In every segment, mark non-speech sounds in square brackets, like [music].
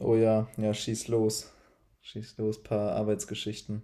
Oh ja, ja, schieß los. Schieß los, paar Arbeitsgeschichten.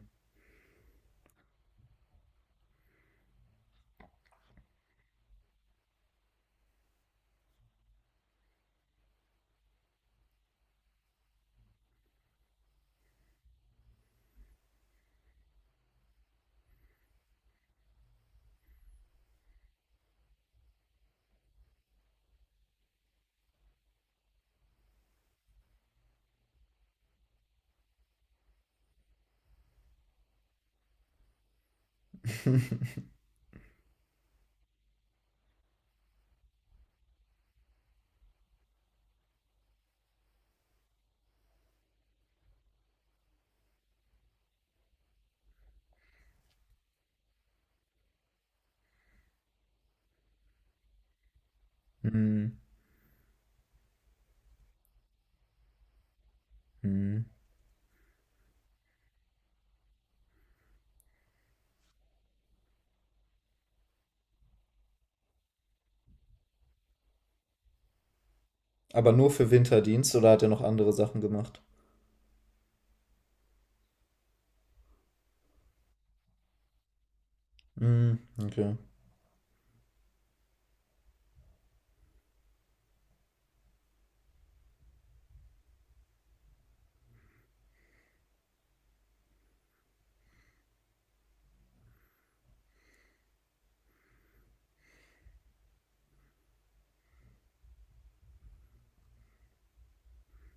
[laughs] Hm, hm. Aber nur für Winterdienst oder hat er noch andere Sachen gemacht? Hm, okay.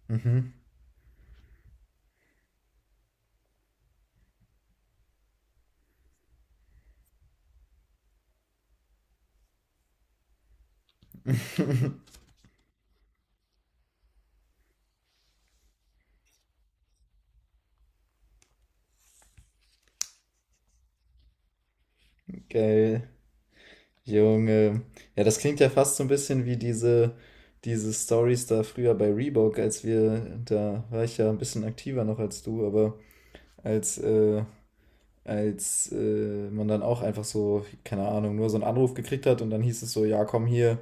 Mhm. [laughs] Geil. Junge. Ja, das klingt ja fast so ein bisschen wie diese Stories da früher bei Reebok, als wir, da war ich ja ein bisschen aktiver noch als du, aber als äh, als man dann auch einfach so, keine Ahnung, nur so einen Anruf gekriegt hat und dann hieß es so, ja, komm hier,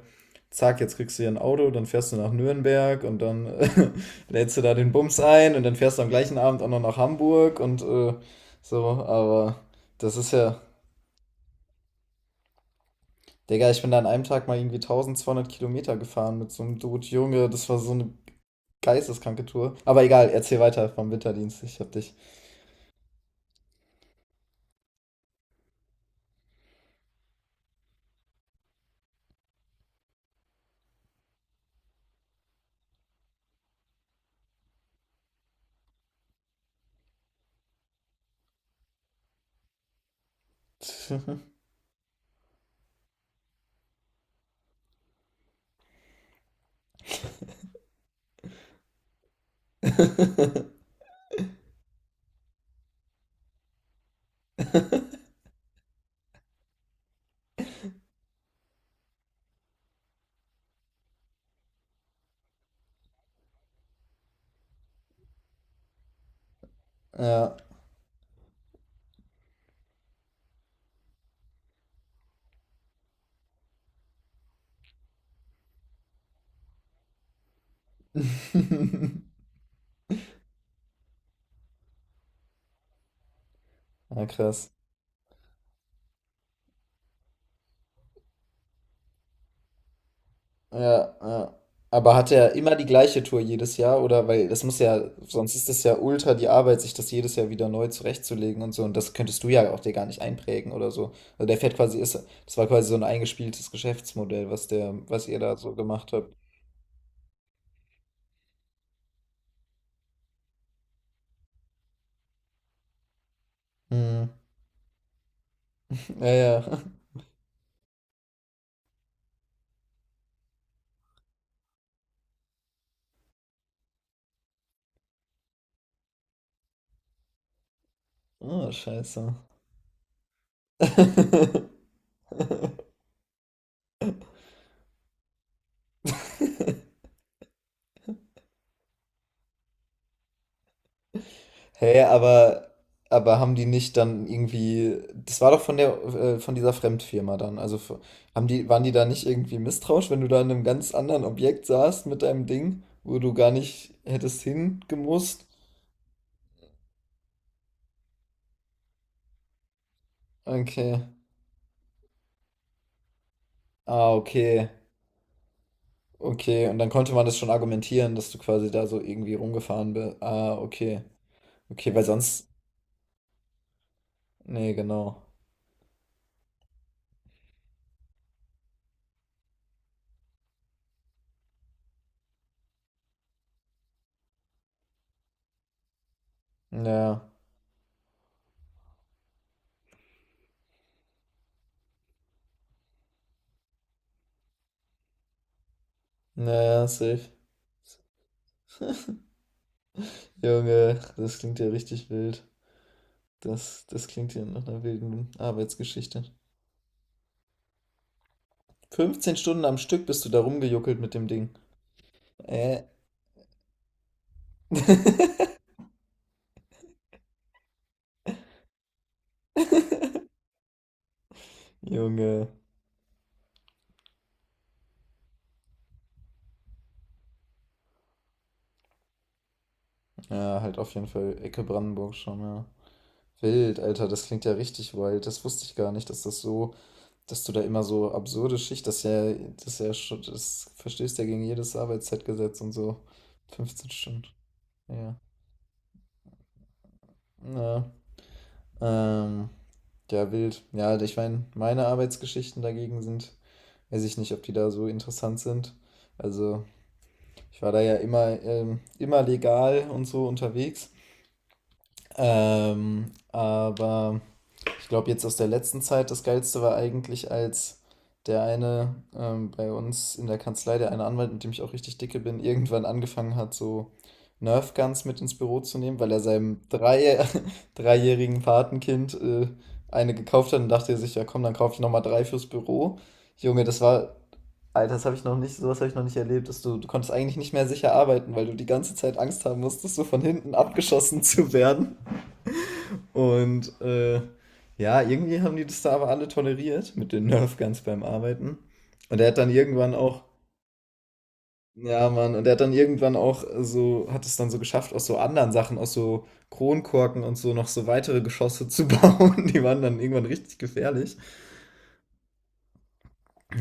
zack, jetzt kriegst du hier ein Auto, dann fährst du nach Nürnberg und dann [laughs] lädst du da den Bums ein und dann fährst du am gleichen Abend auch noch nach Hamburg und so, aber das ist ja, Digga, ich bin da an einem Tag mal irgendwie 1200 Kilometer gefahren mit so einem Dude, Junge, das war so eine geisteskranke Tour. Aber egal, erzähl weiter vom Winterdienst, ich hab dich. [laughs] Ja. [laughs] Ja, krass. Ja, ja. Aber hat er immer die gleiche Tour jedes Jahr? Oder weil das muss ja, sonst ist das ja ultra die Arbeit, sich das jedes Jahr wieder neu zurechtzulegen und so. Und das könntest du ja auch dir gar nicht einprägen oder so. Also der fährt quasi, ist, das war quasi so ein eingespieltes Geschäftsmodell, was der, was ihr da so gemacht habt. Hm. Ja, ja. [laughs] Oh, scheiße. [laughs] Hä, aber haben die nicht dann irgendwie, das war doch von der, von dieser Fremdfirma dann, also f- haben die, waren die da nicht irgendwie misstrauisch, wenn du da in einem ganz anderen Objekt saßt mit deinem Ding, wo du gar nicht hättest hingemusst? Okay. Ah, okay. Okay, und dann konnte man das schon argumentieren, dass du quasi da so irgendwie rumgefahren bist. Ah, okay. Okay, weil sonst, nee, genau. Ja, naja, safe. Junge, das klingt ja richtig wild. Das klingt ja nach einer wilden Arbeitsgeschichte. 15 Stunden am Stück bist du da rumgejuckelt mit dem Ding. Äh. [laughs] Junge. Ja, halt auf jeden Fall Ecke Brandenburg schon, ja. Wild, Alter, das klingt ja richtig wild. Das wusste ich gar nicht, dass das so, dass du da immer so absurde Schicht, das ist ja schon, das verstößt ja gegen jedes Arbeitszeitgesetz und so. 15 Stunden. Ja. Ja. Ähm, ja, wild. Ja, ich meine, meine Arbeitsgeschichten dagegen sind, weiß ich nicht, ob die da so interessant sind. Also, ich war da ja immer, immer legal und so unterwegs. Aber ich glaube, jetzt aus der letzten Zeit, das Geilste war eigentlich, als der eine bei uns in der Kanzlei, der eine Anwalt, mit dem ich auch richtig dicke bin, irgendwann angefangen hat, so Nerf Guns mit ins Büro zu nehmen, weil er seinem drei, [laughs] dreijährigen Patenkind eine gekauft hat und dachte er sich, ja komm, dann kaufe ich nochmal drei fürs Büro. Junge, das war, Alter, das habe ich noch nicht, sowas habe ich noch nicht erlebt, dass du konntest eigentlich nicht mehr sicher arbeiten, weil du die ganze Zeit Angst haben musstest, so von hinten abgeschossen zu werden. Und ja, irgendwie haben die das da aber alle toleriert mit den Nerf Guns beim Arbeiten. Und er hat dann irgendwann auch, ja Mann, und er hat dann irgendwann auch so, hat es dann so geschafft, aus so anderen Sachen, aus so Kronkorken und so noch so weitere Geschosse zu bauen. [laughs] Die waren dann irgendwann richtig gefährlich.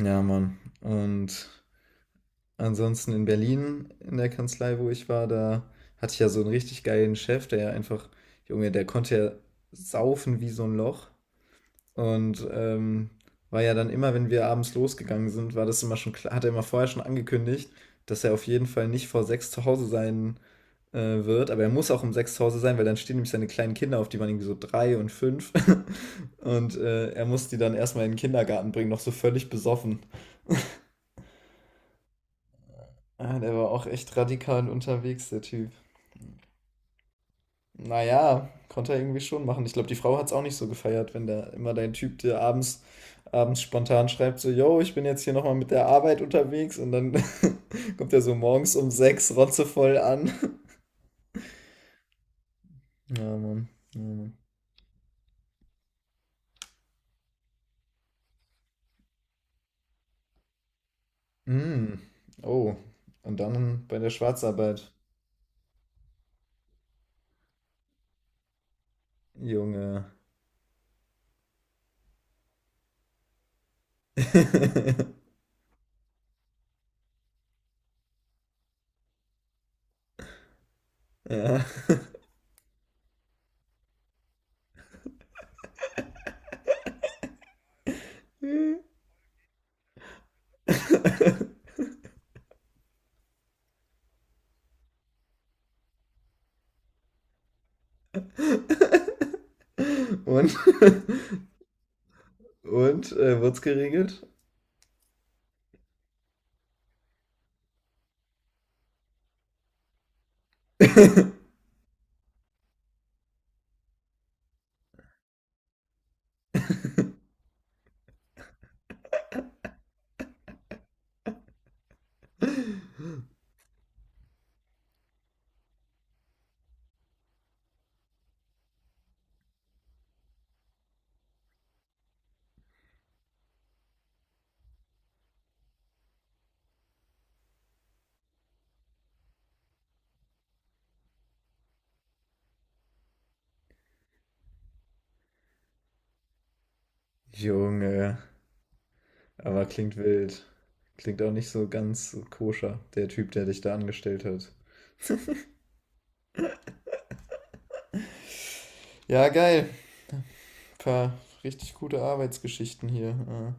Ja, Mann. Und ansonsten in Berlin in der Kanzlei, wo ich war, da hatte ich ja so einen richtig geilen Chef, der ja einfach, Junge, der konnte ja saufen wie so ein Loch und, war ja dann immer, wenn wir abends losgegangen sind, war das immer schon klar, hat er immer vorher schon angekündigt, dass er auf jeden Fall nicht vor 6 zu Hause sein, wird. Aber er muss auch um 6 zu Hause sein, weil dann stehen nämlich seine kleinen Kinder auf, die waren irgendwie so 3 und 5 [laughs] und, er muss die dann erst mal in den Kindergarten bringen, noch so völlig besoffen. Ah, der war auch echt radikal unterwegs, der Typ. Naja, konnte er irgendwie schon machen. Ich glaube, die Frau hat es auch nicht so gefeiert, wenn da immer dein Typ dir abends spontan schreibt, so, yo, ich bin jetzt hier nochmal mit der Arbeit unterwegs und dann [laughs] kommt er so morgens um 6 rotzevoll an. Ja, Mann. Ja, Mann. Mm. Oh, und dann bei der Schwarzarbeit. Junge. [laughs] Ja. Und, [laughs] und wird's geregelt? [laughs] Junge. Aber klingt wild. Klingt auch nicht so ganz koscher, der Typ, der dich da angestellt hat. Ja, geil. Paar richtig gute Arbeitsgeschichten hier.